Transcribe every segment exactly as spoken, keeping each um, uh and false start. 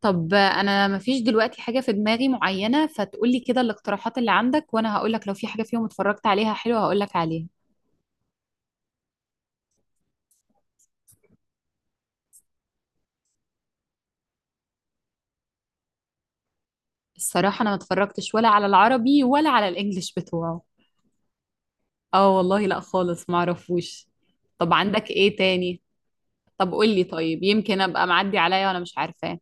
طب انا مفيش دلوقتي حاجة في دماغي معينة، فتقولي كده الاقتراحات اللي عندك وانا هقولك لو في حاجة فيهم اتفرجت عليها حلوة هقولك عليها. الصراحة انا ما اتفرجتش ولا على العربي ولا على الانجليش بتوعه. اه والله لا خالص معرفوش. طب عندك ايه تاني؟ طب قولي، طيب يمكن ابقى معدي عليا وانا مش عارفاه.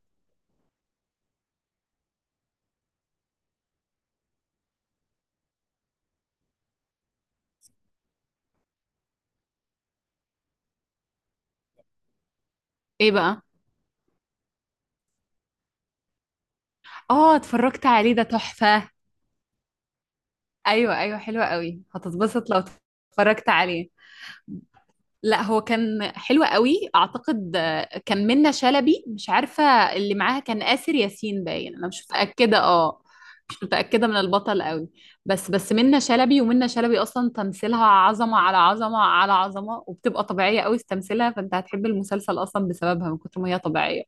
ايه بقى؟ اه اتفرجت عليه، ده تحفة. ايوه ايوه، حلو قوي، هتتبسط لو اتفرجت عليه. لا هو كان حلو قوي، اعتقد آه، كان منة شلبي، مش عارفه اللي معاها، كان آسر ياسين باين، انا مش متاكده. اه مش متاكده من البطل قوي. بس بس منة شلبي، ومنة شلبي اصلا تمثيلها عظمه على عظمه على عظمه، وبتبقى طبيعيه قوي في تمثيلها، فانت هتحب المسلسل اصلا بسببها من كتر ما هي طبيعيه.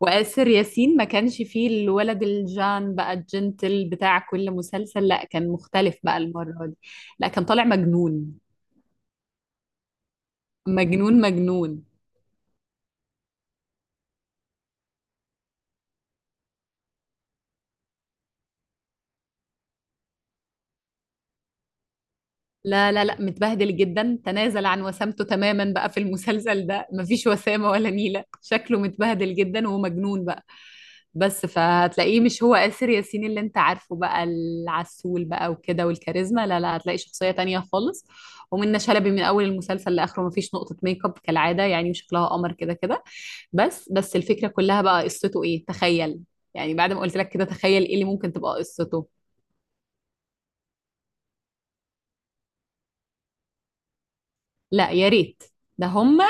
وآسر ياسين ما كانش فيه الولد الجان بقى، الجنتل بتاع كل مسلسل، لا كان مختلف بقى المره دي. لا كان طالع مجنون. مجنون مجنون. لا لا لا، متبهدل جدا، تنازل عن وسامته تماما بقى في المسلسل ده، مفيش وسامة ولا نيلة، شكله متبهدل جدا ومجنون بقى. بس فهتلاقيه مش هو آسر ياسين اللي انت عارفه بقى، العسول بقى وكده والكاريزما، لا لا، هتلاقي شخصية تانية خالص. ومنة شلبي من أول المسلسل لآخره مفيش نقطة ميك اب كالعادة، يعني شكلها قمر كده كده. بس بس الفكرة كلها بقى قصته ايه، تخيل. يعني بعد ما قلت لك كده تخيل ايه اللي ممكن تبقى قصته. لا يا ريت. ده هما.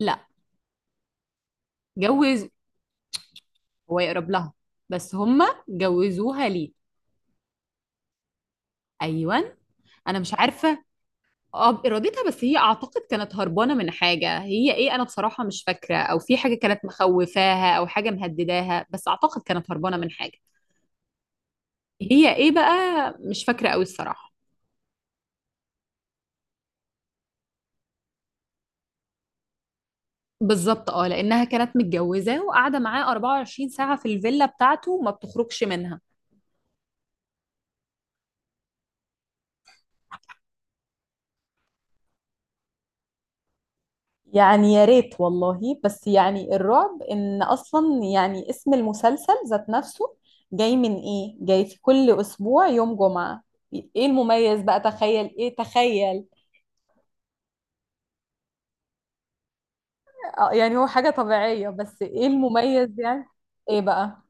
لا. جو. هو يقرب لها. بس هما جوزوها ليه؟ ايوه. انا مش عارفه. اه بارادتها، بس هي اعتقد كانت هربانه من حاجه، هي ايه انا بصراحه مش فاكره، او في حاجه كانت مخوفاها او حاجه مهدداها، بس اعتقد كانت هربانه من حاجه. هي ايه بقى؟ مش فاكره قوي الصراحه. بالظبط اه، لانها كانت متجوزه وقاعده معاه أربعة وعشرين ساعة ساعه في الفيلا بتاعته وما بتخرجش منها. يعني يا ريت والله، بس يعني الرعب ان اصلا يعني اسم المسلسل ذات نفسه جاي من ايه، جاي في كل اسبوع يوم جمعة. ايه المميز بقى، تخيل ايه، تخيل. آه يعني هو حاجة طبيعية بس ايه المميز يعني. ايه بقى؟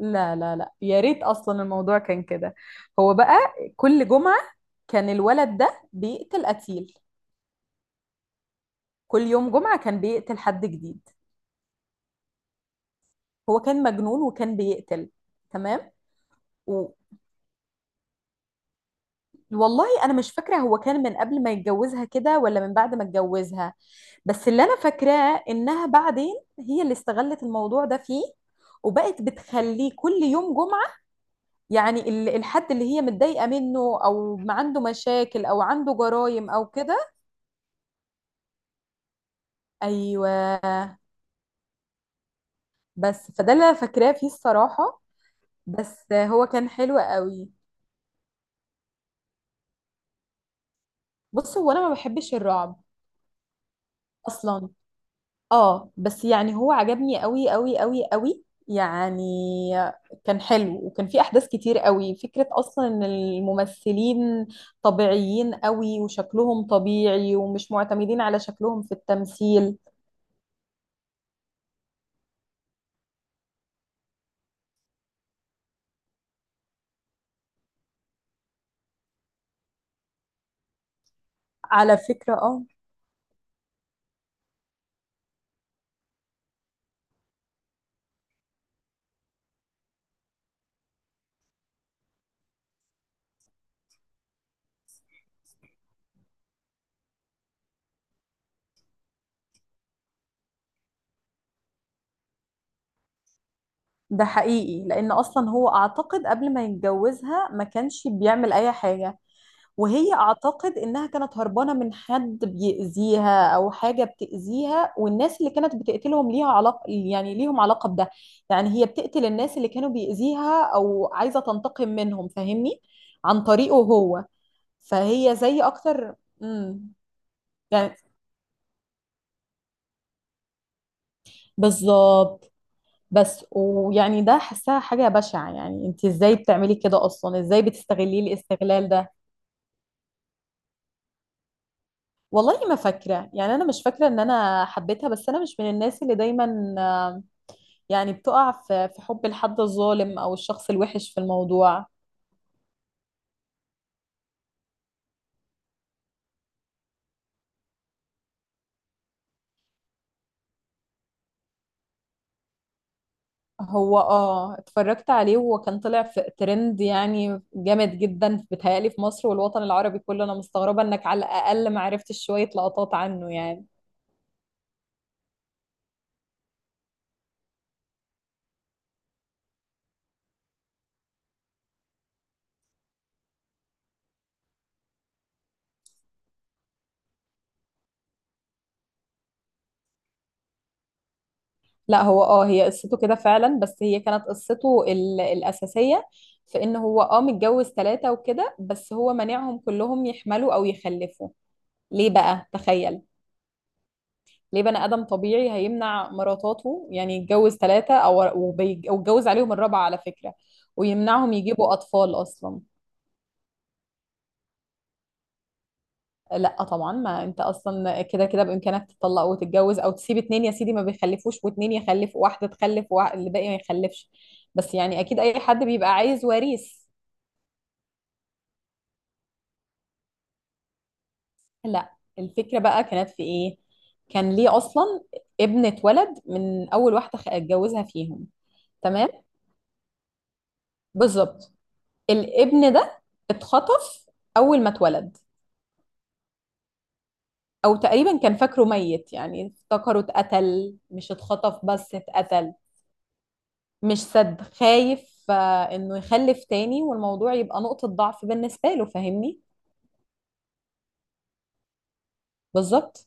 لا لا لا يا ريت، اصلا الموضوع كان كده. هو بقى كل جمعة كان الولد ده بيقتل قتيل. كل يوم جمعة كان بيقتل حد جديد. هو كان مجنون وكان بيقتل. تمام. و- والله انا مش فاكره هو كان من قبل ما يتجوزها كده ولا من بعد ما اتجوزها. بس اللي انا فاكراه انها بعدين هي اللي استغلت الموضوع ده فيه، وبقت بتخليه كل يوم جمعه. يعني ال- الحد اللي هي متضايقه منه، او ما عنده مشاكل او عنده جرايم او كده. ايوه. بس فده اللي انا فاكراه فيه الصراحه. بس هو كان حلو قوي. بص هو انا ما بحبش الرعب اصلا. اه بس يعني هو عجبني قوي قوي قوي قوي يعني. كان حلو وكان فيه احداث كتير قوي، فكرة اصلا ان الممثلين طبيعيين قوي وشكلهم طبيعي ومش معتمدين على شكلهم في التمثيل. على فكرة اه. ده حقيقي لان اصلا هو اعتقد قبل ما يتجوزها ما كانش بيعمل اي حاجة. وهي اعتقد انها كانت هربانه من حد بيأذيها او حاجه بتأذيها، والناس اللي كانت بتقتلهم ليها علاقه، يعني ليهم علاقه بده. يعني هي بتقتل الناس اللي كانوا بيأذيها او عايزه تنتقم منهم، فاهمني، عن طريقه هو. فهي زي اكتر. امم. يعني. بالظبط. بس ويعني ده حسها حاجه بشعه، يعني انت ازاي بتعملي كده اصلا، ازاي بتستغليه الاستغلال ده. والله ما فاكره، يعني انا مش فاكره ان انا حبيتها، بس انا مش من الناس اللي دايما يعني بتقع في في حب الحد الظالم او الشخص الوحش في الموضوع. هو اه اتفرجت عليه، وهو كان طلع في ترند يعني جامد جدا بيتهيألي في مصر والوطن العربي كله، انا مستغربة انك على الاقل ما عرفتش شوية لقطات عنه يعني. لا هو اه هي قصته كده فعلا، بس هي كانت قصته ال- الأساسية في ان هو اه متجوز ثلاثة وكده، بس هو مانعهم كلهم يحملوا او يخلفوا. ليه بقى، تخيل. ليه بني آدم طبيعي هيمنع مراتاته، يعني يتجوز ثلاثة أو وبيج- ويتجوز عليهم الرابعة على فكرة، ويمنعهم يجيبوا أطفال أصلا. لا طبعا، ما انت اصلا كده كده بامكانك تطلق وتتجوز، او تسيب اتنين يا سيدي ما بيخلفوش واتنين يخلف، واحده تخلف والباقي ما يخلفش. بس يعني اكيد اي حد بيبقى عايز وريث. لا. الفكره بقى كانت في ايه، كان ليه اصلا ابنه ولد من اول واحده خ- اتجوزها فيهم. تمام. بالظبط. الابن ده اتخطف اول ما اتولد. او تقريبا كان فاكره ميت، يعني افتكره اتقتل، مش اتخطف بس اتقتل. مش سد، خايف آه، انه يخلف تاني والموضوع يبقى نقطة ضعف بالنسبة له، فاهمني. بالظبط.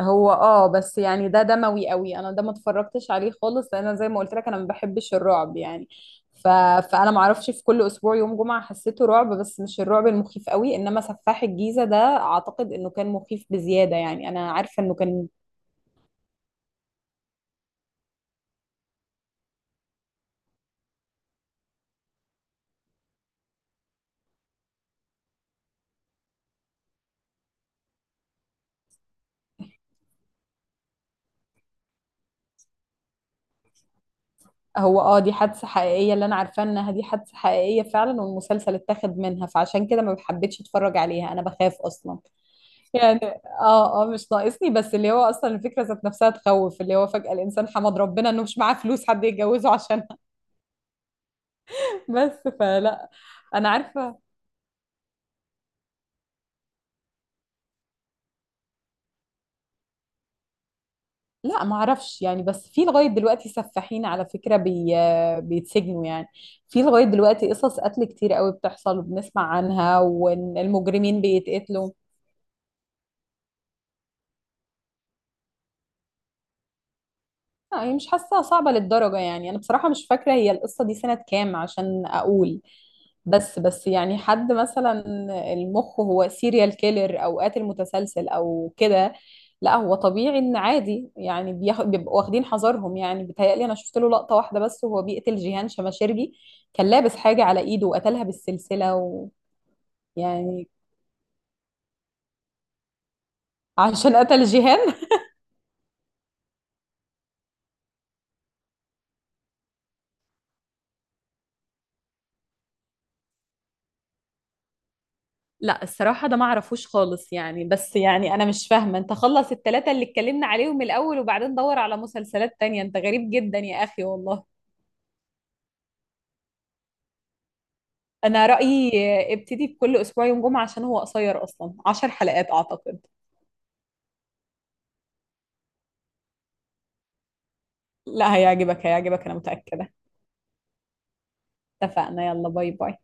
هو اه بس يعني ده دموي قوي، انا ده ما اتفرجتش عليه خالص، لان أنا زي ما قلت لك انا ما بحبش الرعب يعني. ف... فانا ما اعرفش، في كل اسبوع يوم جمعة حسيته رعب بس مش الرعب المخيف قوي، انما سفاح الجيزة ده اعتقد انه كان مخيف بزيادة يعني. انا عارفة انه كان. هو اه دي حادثة حقيقية، اللي انا عارفة انها دي حادثة حقيقية فعلا والمسلسل اتاخد منها، فعشان كده ما بحبتش اتفرج عليها، انا بخاف اصلا يعني. اه اه مش ناقصني، بس اللي هو اصلا الفكره ذات نفسها تخوف، اللي هو فجاه الانسان حمد ربنا انه مش معاه فلوس حد يتجوزه عشانها. بس. فلا. انا عارفه. لا ما اعرفش يعني، بس في لغايه دلوقتي سفاحين على فكره، بي... بيتسجنوا يعني. في لغايه دلوقتي قصص قتل كتير قوي بتحصل وبنسمع عنها والمجرمين بيتقتلوا. لا هي مش حاسة صعبة للدرجة، يعني أنا بصراحة مش فاكرة هي القصة دي سنة كام عشان أقول. بس بس يعني حد مثلا، المخ هو سيريال كيلر أو قاتل متسلسل أو كده. لا هو طبيعي إن عادي يعني، بياخ- بيبقوا واخدين حذرهم، يعني بيتهيألي أنا شفت له لقطة واحدة بس وهو بيقتل جيهان شماشيرجي. كان لابس حاجة على إيده وقتلها بالسلسلة. ويعني عشان قتل جيهان. لا الصراحة ده ما اعرفوش خالص يعني، بس يعني انا مش فاهمة انت خلص التلاتة اللي اتكلمنا عليهم الاول وبعدين دور على مسلسلات تانية، انت غريب جدا يا اخي والله. انا رأيي ابتدي بكل اسبوع يوم جمعة عشان هو قصير اصلا، عشر حلقات اعتقد. لا هيعجبك هيعجبك، انا متأكدة. اتفقنا، يلا باي باي.